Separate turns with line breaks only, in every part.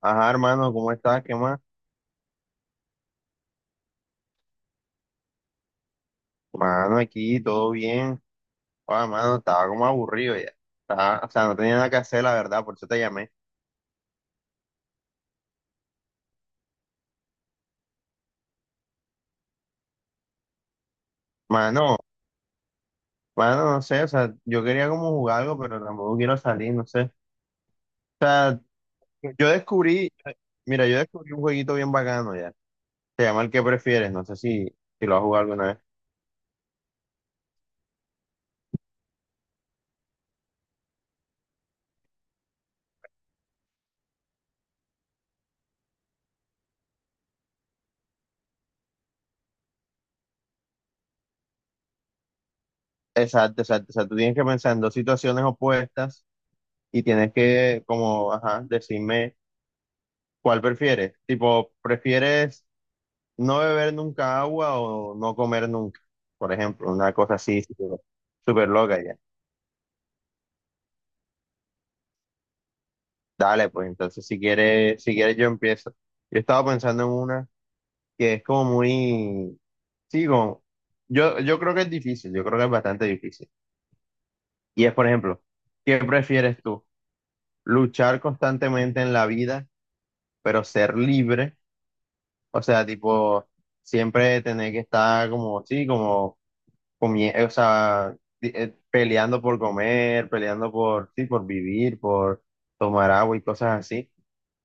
Ajá, hermano, ¿cómo estás? ¿Qué más? Mano, aquí todo bien. Ah, mano, estaba como aburrido ya. O sea, no tenía nada que hacer, la verdad, por eso te llamé. Mano, mano, no sé, o sea, yo quería como jugar algo, pero tampoco quiero salir, no sé. O sea, yo descubrí, mira, yo descubrí un jueguito bien bacano ya. Se llama el que prefieres, no sé si lo has jugado alguna vez. Exacto, exacto. O sea, tú tienes que pensar en dos situaciones opuestas y tienes que, como, ajá, decirme cuál prefieres. Tipo, ¿prefieres no beber nunca agua o no comer nunca, por ejemplo, una cosa así súper súper loca ya? Dale, pues entonces si quieres yo empiezo. Yo estaba pensando en una que es como muy, sí, como, yo creo que es difícil, yo creo que es bastante difícil. Y es, por ejemplo, ¿qué prefieres tú? ¿Luchar constantemente en la vida, pero ser libre? O sea, tipo, siempre tener que estar como, sí, como o sea, peleando por comer, peleando por, sí, por vivir, por tomar agua y cosas así.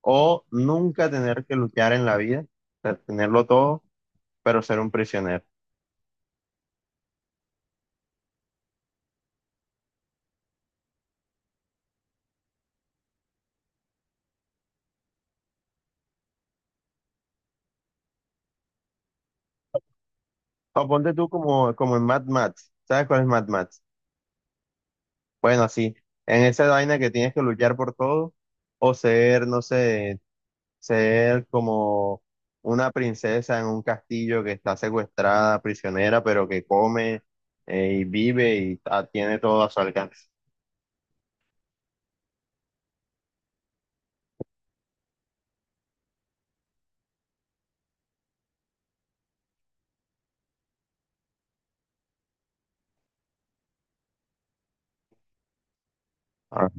O nunca tener que luchar en la vida, o sea, tenerlo todo, pero ser un prisionero. O ponte tú como, como en Mad Max. ¿Sabes cuál es Mad Max? Bueno, sí, en esa vaina que tienes que luchar por todo, o ser, no sé, ser como una princesa en un castillo que está secuestrada, prisionera, pero que come y vive y tiene todo a su alcance. Ah,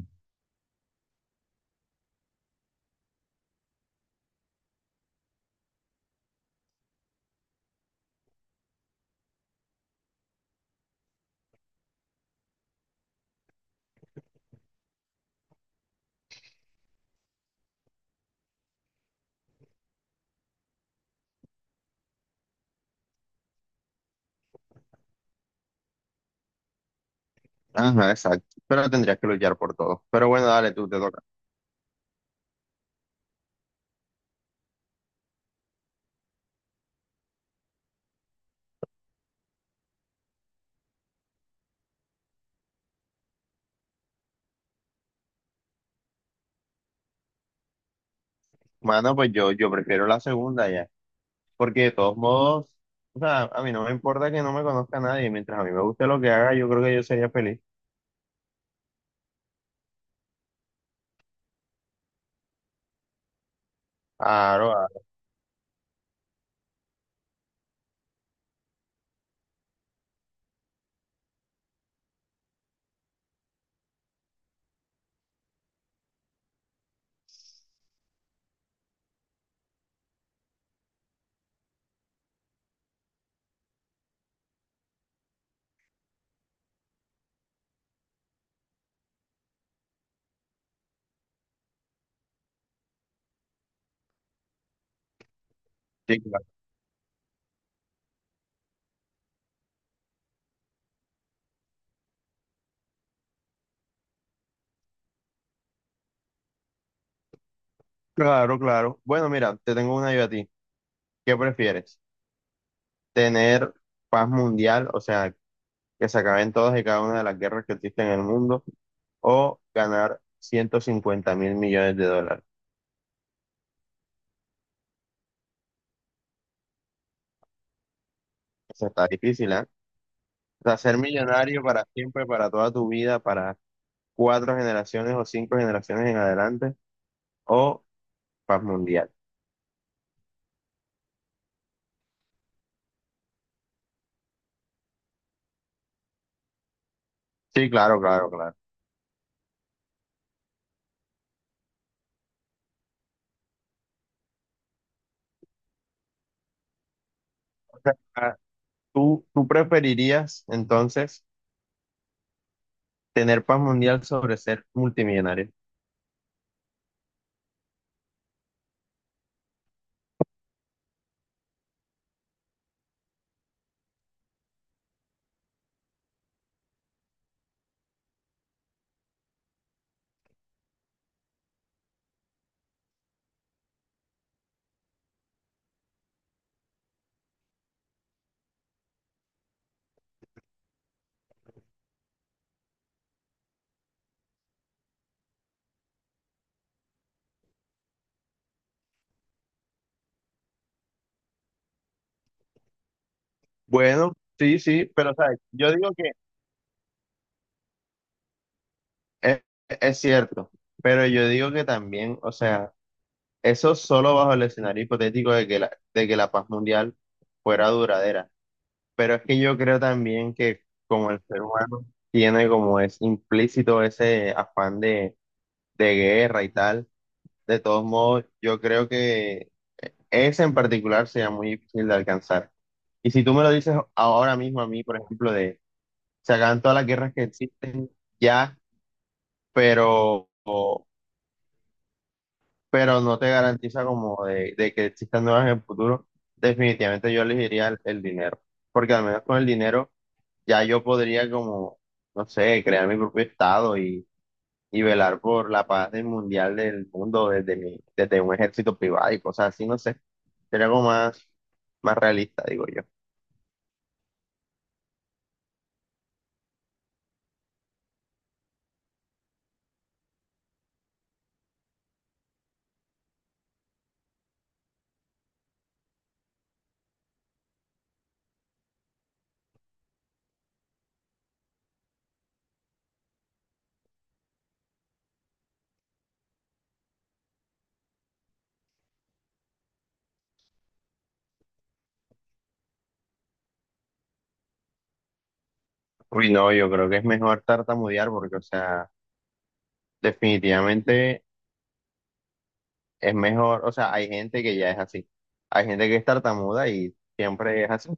ajá, exacto. Pero tendrías que luchar por todo. Pero bueno, dale, tú te toca. Mano, pues yo prefiero la segunda ya. Porque de todos modos, o sea, a mí no me importa que no me conozca nadie. Mientras a mí me guste lo que haga, yo creo que yo sería feliz. Claro, claro. Sí, claro. Claro, claro. Bueno, mira, te tengo una yo a ti. ¿Qué prefieres? ¿Tener paz mundial? O sea, que se acaben todas y cada una de las guerras que existen en el mundo, o ganar 150.000 millones de dólares. Eso está difícil, ¿eh? O sea, ser millonario para siempre, para toda tu vida, para cuatro generaciones o cinco generaciones en adelante, o paz mundial. Sí, claro, claro, claro. O sea, ah, ¿tú preferirías entonces tener paz mundial sobre ser multimillonario? Bueno, sí, sí, pero o sea, yo digo que es, es cierto, pero yo digo que también, o sea, eso solo bajo el escenario hipotético de que la paz mundial fuera duradera. Pero es que yo creo también que como el ser humano tiene como es implícito ese afán de guerra y tal, de todos modos, yo creo que ese en particular sería muy difícil de alcanzar. Y si tú me lo dices ahora mismo a mí, por ejemplo, de se acaban todas las guerras que existen ya, pero pero no te garantiza como de que existan nuevas en el futuro, definitivamente yo elegiría el dinero, porque al menos con el dinero ya yo podría como, no sé, crear mi propio estado y velar por la paz del mundial del mundo desde desde un ejército privado y cosas así, no sé, sería algo más, más realista, digo yo. Uy, no, yo creo que es mejor tartamudear porque, o sea, definitivamente es mejor, o sea, hay gente que ya es así, hay gente que es tartamuda y siempre es así.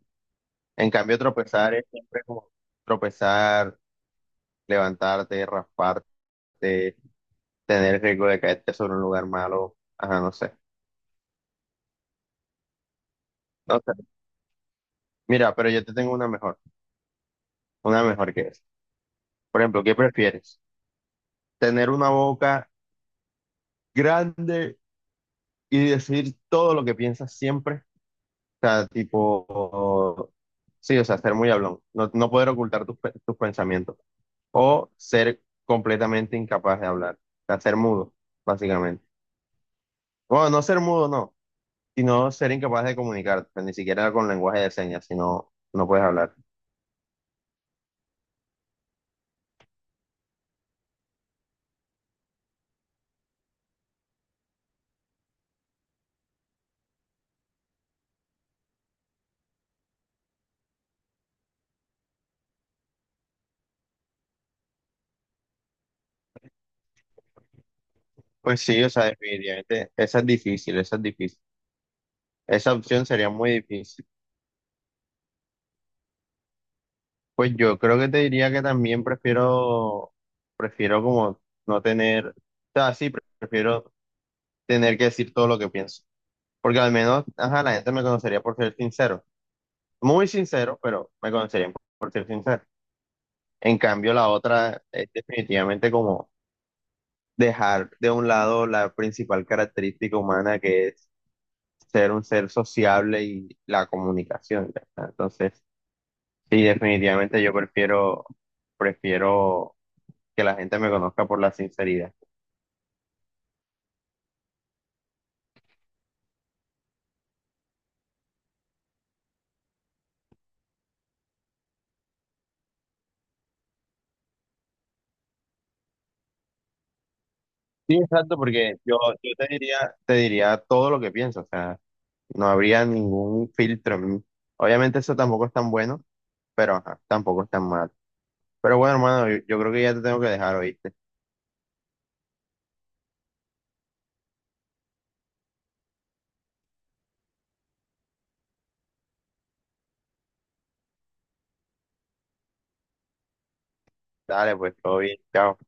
En cambio, tropezar es siempre como tropezar, levantarte, rasparte, tener el riesgo de caerte sobre un lugar malo. Ajá, no sé. No sé. Mira, pero yo te tengo una mejor que es. Por ejemplo, ¿qué prefieres? ¿Tener una boca grande y decir todo lo que piensas siempre? O sea, tipo, sí, o sea, ser muy hablón, no, no poder ocultar tus, tus pensamientos. O ser completamente incapaz de hablar, o sea, ser mudo, básicamente. Bueno, no ser mudo, no. Y no ser incapaz de comunicarte, pues, ni siquiera con lenguaje de señas, si no, no puedes hablar. Pues sí, o sea, definitivamente, esa es difícil, esa es difícil. Esa opción sería muy difícil. Pues yo creo que te diría que también prefiero, prefiero como no tener, o sea, sí, prefiero tener que decir todo lo que pienso. Porque al menos, ajá, la gente me conocería por ser sincero. Muy sincero, pero me conocerían por ser sincero. En cambio, la otra es definitivamente como dejar de un lado la principal característica humana que es ser un ser sociable y la comunicación, ya está. Entonces, sí, definitivamente yo prefiero, prefiero que la gente me conozca por la sinceridad. Sí, exacto, porque yo te diría todo lo que pienso, o sea, no habría ningún filtro en mí. Obviamente eso tampoco es tan bueno, pero ajá, tampoco es tan mal. Pero bueno, hermano, yo creo que ya te tengo que dejar, ¿oíste? Dale, pues todo bien, chao.